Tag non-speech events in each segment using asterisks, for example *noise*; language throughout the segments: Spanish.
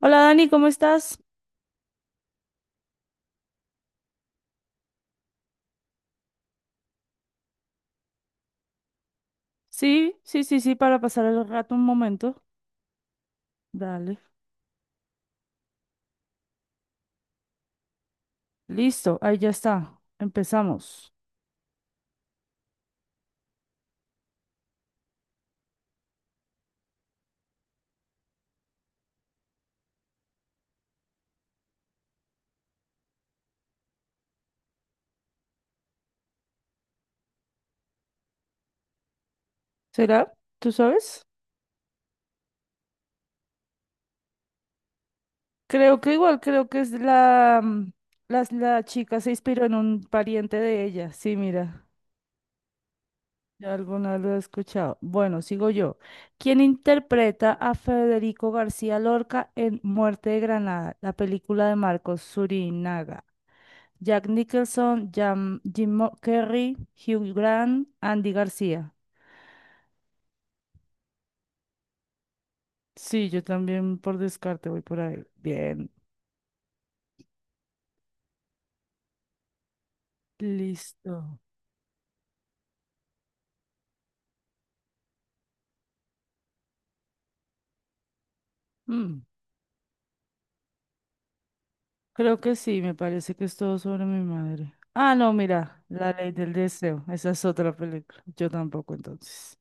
Hola Dani, ¿cómo estás? Sí, sí, sí, sí, para pasar el rato un momento. Dale. Listo, ahí ya está. Empezamos. ¿Será? ¿Tú sabes? Creo que igual, creo que es la chica se inspiró en un pariente de ella. Sí, mira, ya alguna lo he escuchado. Bueno, sigo yo. ¿Quién interpreta a Federico García Lorca en Muerte de Granada, la película de Marcos Surinaga? Jack Nicholson, Jim Carrey, Hugh Grant, Andy García. Sí, yo también por descarte voy por ahí. Bien, listo. Mm, Creo que sí, me parece que es todo sobre mi madre. Ah, no, mira, La Ley del Deseo. Esa es otra película. Yo tampoco, entonces.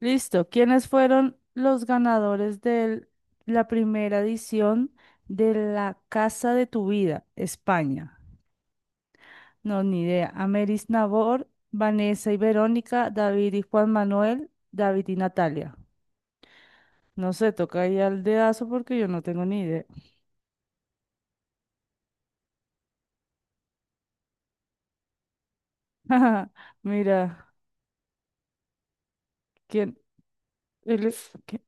Listo. ¿Quiénes fueron los ganadores de la primera edición de La Casa de tu Vida, España? No, ni idea. Ameris Nabor, Vanessa y Verónica, David y Juan Manuel, David y Natalia. No sé, toca ahí al dedazo porque yo no tengo ni idea. *laughs* Mira, ¿quién? Él es- ¿qué?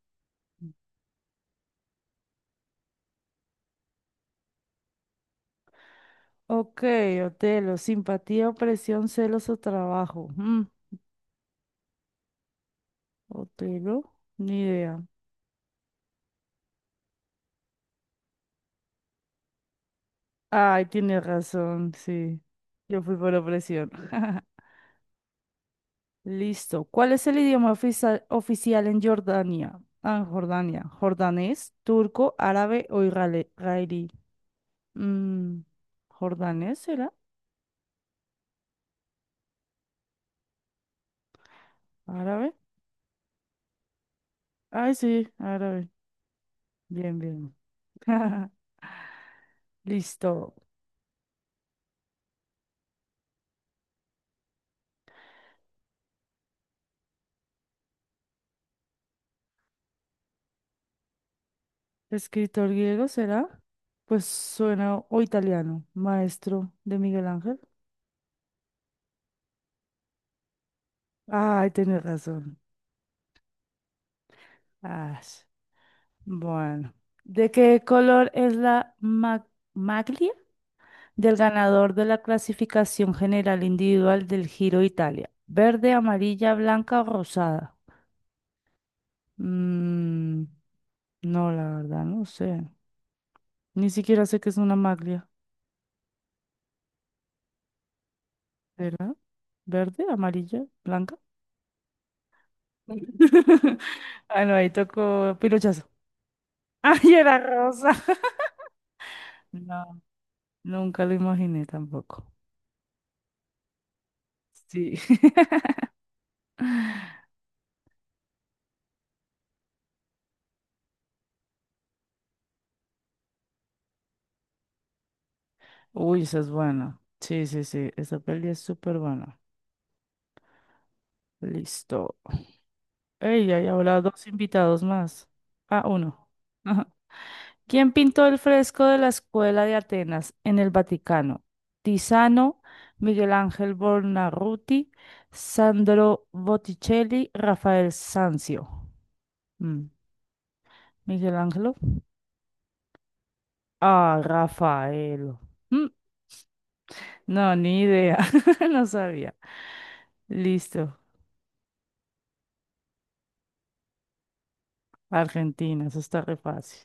Ok, Otelo, simpatía, opresión, celos o trabajo. Otelo, ni idea. Ay, tienes razón, sí. Yo fui por opresión. *laughs* Listo. ¿Cuál es el idioma oficial en Jordania? Ah, en Jordania. ¿Jordanés, turco, árabe o israelí? Mm, ¿Jordanés será? ¿Árabe? Ay, sí, árabe. Bien, bien. *laughs* Listo. ¿Escritor griego será? Pues suena o italiano, maestro de Miguel Ángel. Ay, tienes razón. Ah, bueno. ¿De qué color es la maglia? Del ganador de la clasificación general individual del Giro de Italia. Verde, amarilla, blanca o rosada. Mm, no, la verdad, no sé. Ni siquiera sé qué es una maglia, ¿verdad? Verde, amarilla, blanca. *laughs* Ah, no, ahí tocó pirochazo. *laughs* ¡Ay, era rosa! *laughs* No, nunca lo imaginé tampoco. Sí. *laughs* Uy, esa es buena. Sí, sí, sí. Esa peli es súper buena. Listo. Ey, hay ahora dos invitados más. Ah, uno. Ajá. ¿Quién pintó el fresco de la Escuela de Atenas en el Vaticano? Tiziano, Miguel Ángel Buonarroti, Sandro Botticelli, Rafael Sanzio. Mm, ¿Miguel Ángelo? Ah, Rafael. Mm, No, ni idea. *laughs* No sabía. Listo. Argentina, eso está re fácil.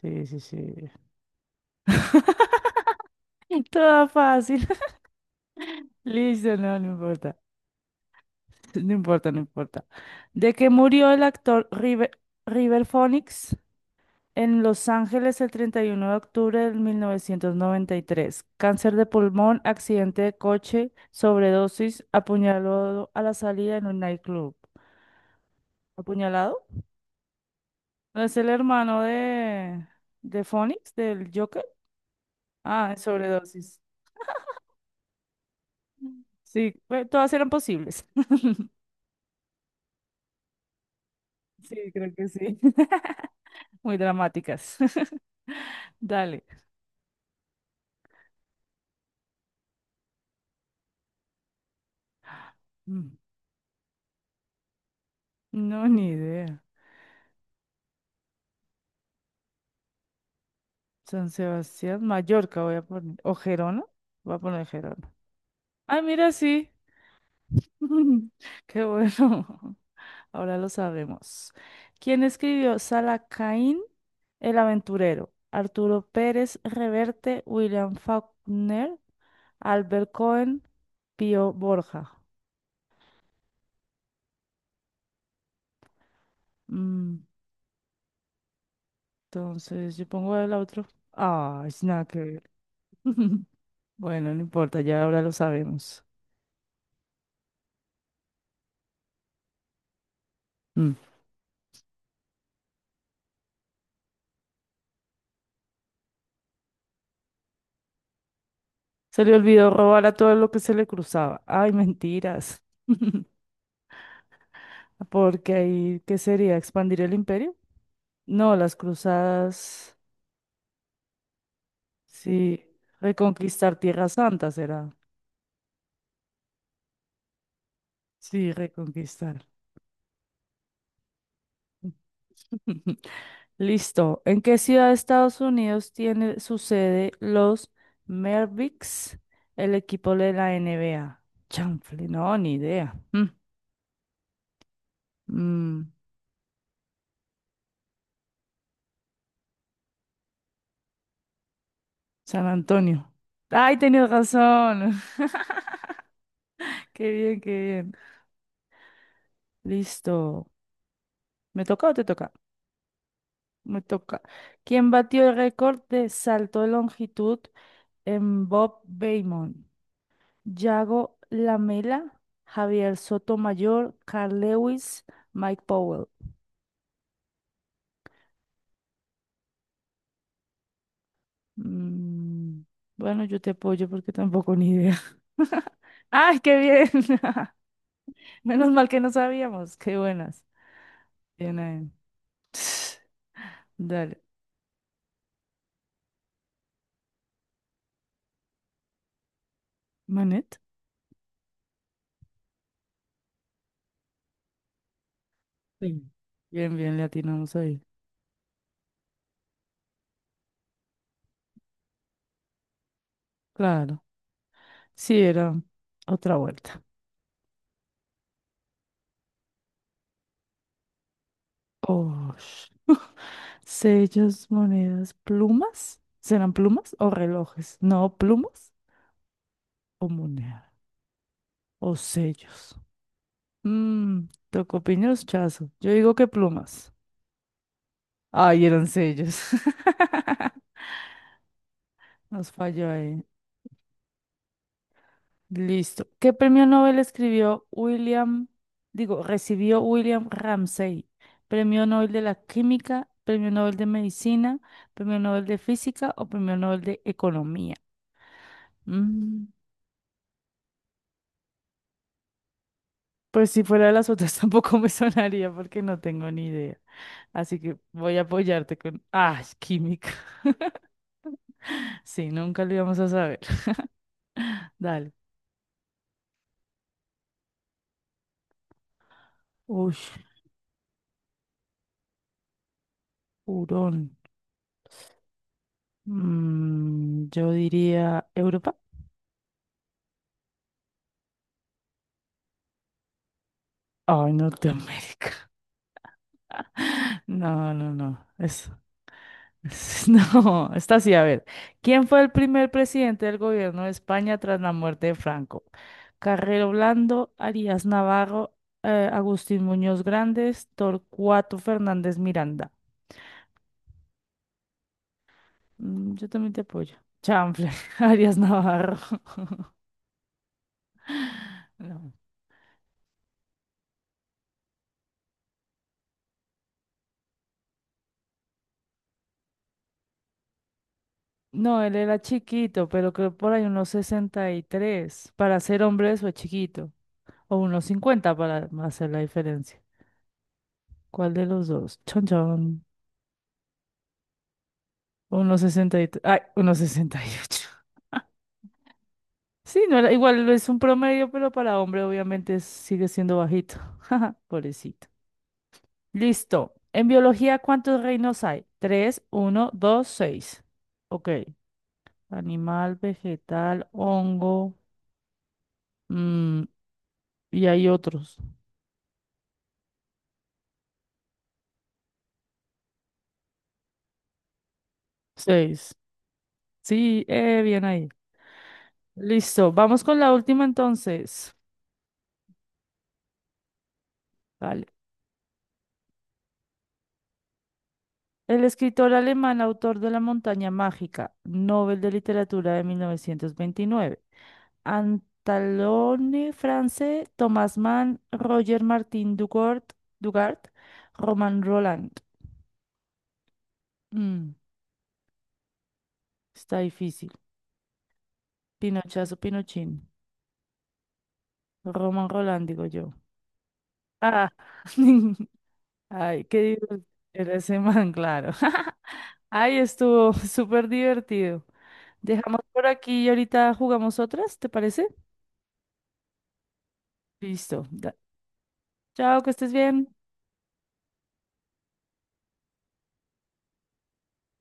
Sí, sí, sí. *laughs* Toda fácil. *laughs* Listo, no, no importa. *laughs* No importa, no importa. De que murió el actor River, River Phoenix en Los Ángeles el 31 de octubre de 1993, Cáncer de pulmón, accidente de coche, sobredosis, apuñalado a la salida en un nightclub. ¿Apuñalado? ¿No es el hermano de Phoenix, del Joker? Ah, en sobredosis. Sí, bueno, todas eran posibles. *laughs* Sí, creo que sí. *laughs* Muy dramáticas. *laughs* Dale. Mm. No, ni idea. San Sebastián, Mallorca voy a poner. ¿O Gerona? Voy a poner Gerona. Ah, mira, sí. *laughs* Qué bueno. *laughs* Ahora lo sabemos. ¿Quién escribió Salacaín, el aventurero? Arturo Pérez Reverte, William Faulkner, Albert Cohen, Pío Borja. Mm, entonces, yo pongo el otro. Ah, es nada que ver. *laughs* Bueno, no importa, ya ahora lo sabemos. Mm. Se le olvidó robar a todo lo que se le cruzaba. Ay, mentiras. *laughs* Porque ahí, ¿qué sería? ¿Expandir el imperio? No, las cruzadas, sí. Reconquistar Tierra Santa será. Sí, reconquistar. *laughs* Listo. ¿En qué ciudad de Estados Unidos tiene su sede los Mavericks, el equipo de la NBA? Chanfle, no, ni idea. Mm. Mm. San Antonio. Ay, tenías razón. *laughs* Qué bien, qué bien. Listo. ¿Me toca o te toca? Me toca. ¿Quién batió el récord de salto de longitud en Bob Beamon, Yago Lamela, Javier Sotomayor, Carl Lewis, Mike Powell. Mm, bueno, yo te apoyo porque tampoco ni idea. *laughs* ¡Ay, qué bien! *laughs* Menos mal que no sabíamos. Qué buenas. Bien ahí. *sniffs* Dale. ¿Manet? Sí. Bien, bien, le atinamos ahí. Claro. Sí, era otra vuelta. Oh, *laughs* sellos, monedas, plumas. ¿Serán plumas o relojes? No, plumas o monedas o sellos. Mmm, tocopiños, chazo. Yo digo que plumas. Ay, eran sellos. *laughs* Nos falló ahí. Listo. ¿Qué premio Nobel escribió William, digo, recibió William Ramsay? ¿Premio Nobel de la Química, Premio Nobel de Medicina, Premio Nobel de Física o Premio Nobel de Economía? Mm, pues si fuera de las otras *laughs* tampoco me sonaría porque no tengo ni idea. Así que voy a apoyarte con... Ah, química. *laughs* Sí, nunca lo íbamos a saber. *laughs* Dale. Uy, hurón. Yo diría Europa. Ay, Norteamérica. No, no, no. *laughs* No, está así. A ver, ¿quién fue el primer presidente del gobierno de España tras la muerte de Franco? Carrero Blando, Arias Navarro, Agustín Muñoz Grandes, Torcuato Fernández Miranda. Yo también te apoyo. Chanfle, *laughs* Arias Navarro. *laughs* No. No, él era chiquito, pero creo por ahí unos 63 Para ser hombre eso es chiquito. O unos 50 para hacer la diferencia. ¿Cuál de los dos? Chon, chon. Unos 68. Ay, unos ocho Sí, no era, igual es un promedio, pero para hombre obviamente sigue siendo bajito. *laughs* Jaja, pobrecito. Listo. En biología, ¿cuántos reinos hay? Tres, uno, dos, seis. Ok. Animal, vegetal, hongo. mm, y hay otros. Seis. Sí, bien ahí. Listo. Vamos con la última entonces. Vale. El escritor alemán, autor de La montaña mágica, Nobel de Literatura de 1929. Antalone France, Thomas Mann, Roger Martin Dugard, Dugard, Roman Roland. Mm, está difícil. Pinochazo, Pinochín. Roman Roland, digo yo. Ah, *laughs* ay, qué divertido era ese man, claro. *laughs* Ay, estuvo súper divertido. Dejamos por aquí y ahorita jugamos otras, ¿te parece? Listo. Dale. Chao, que estés bien.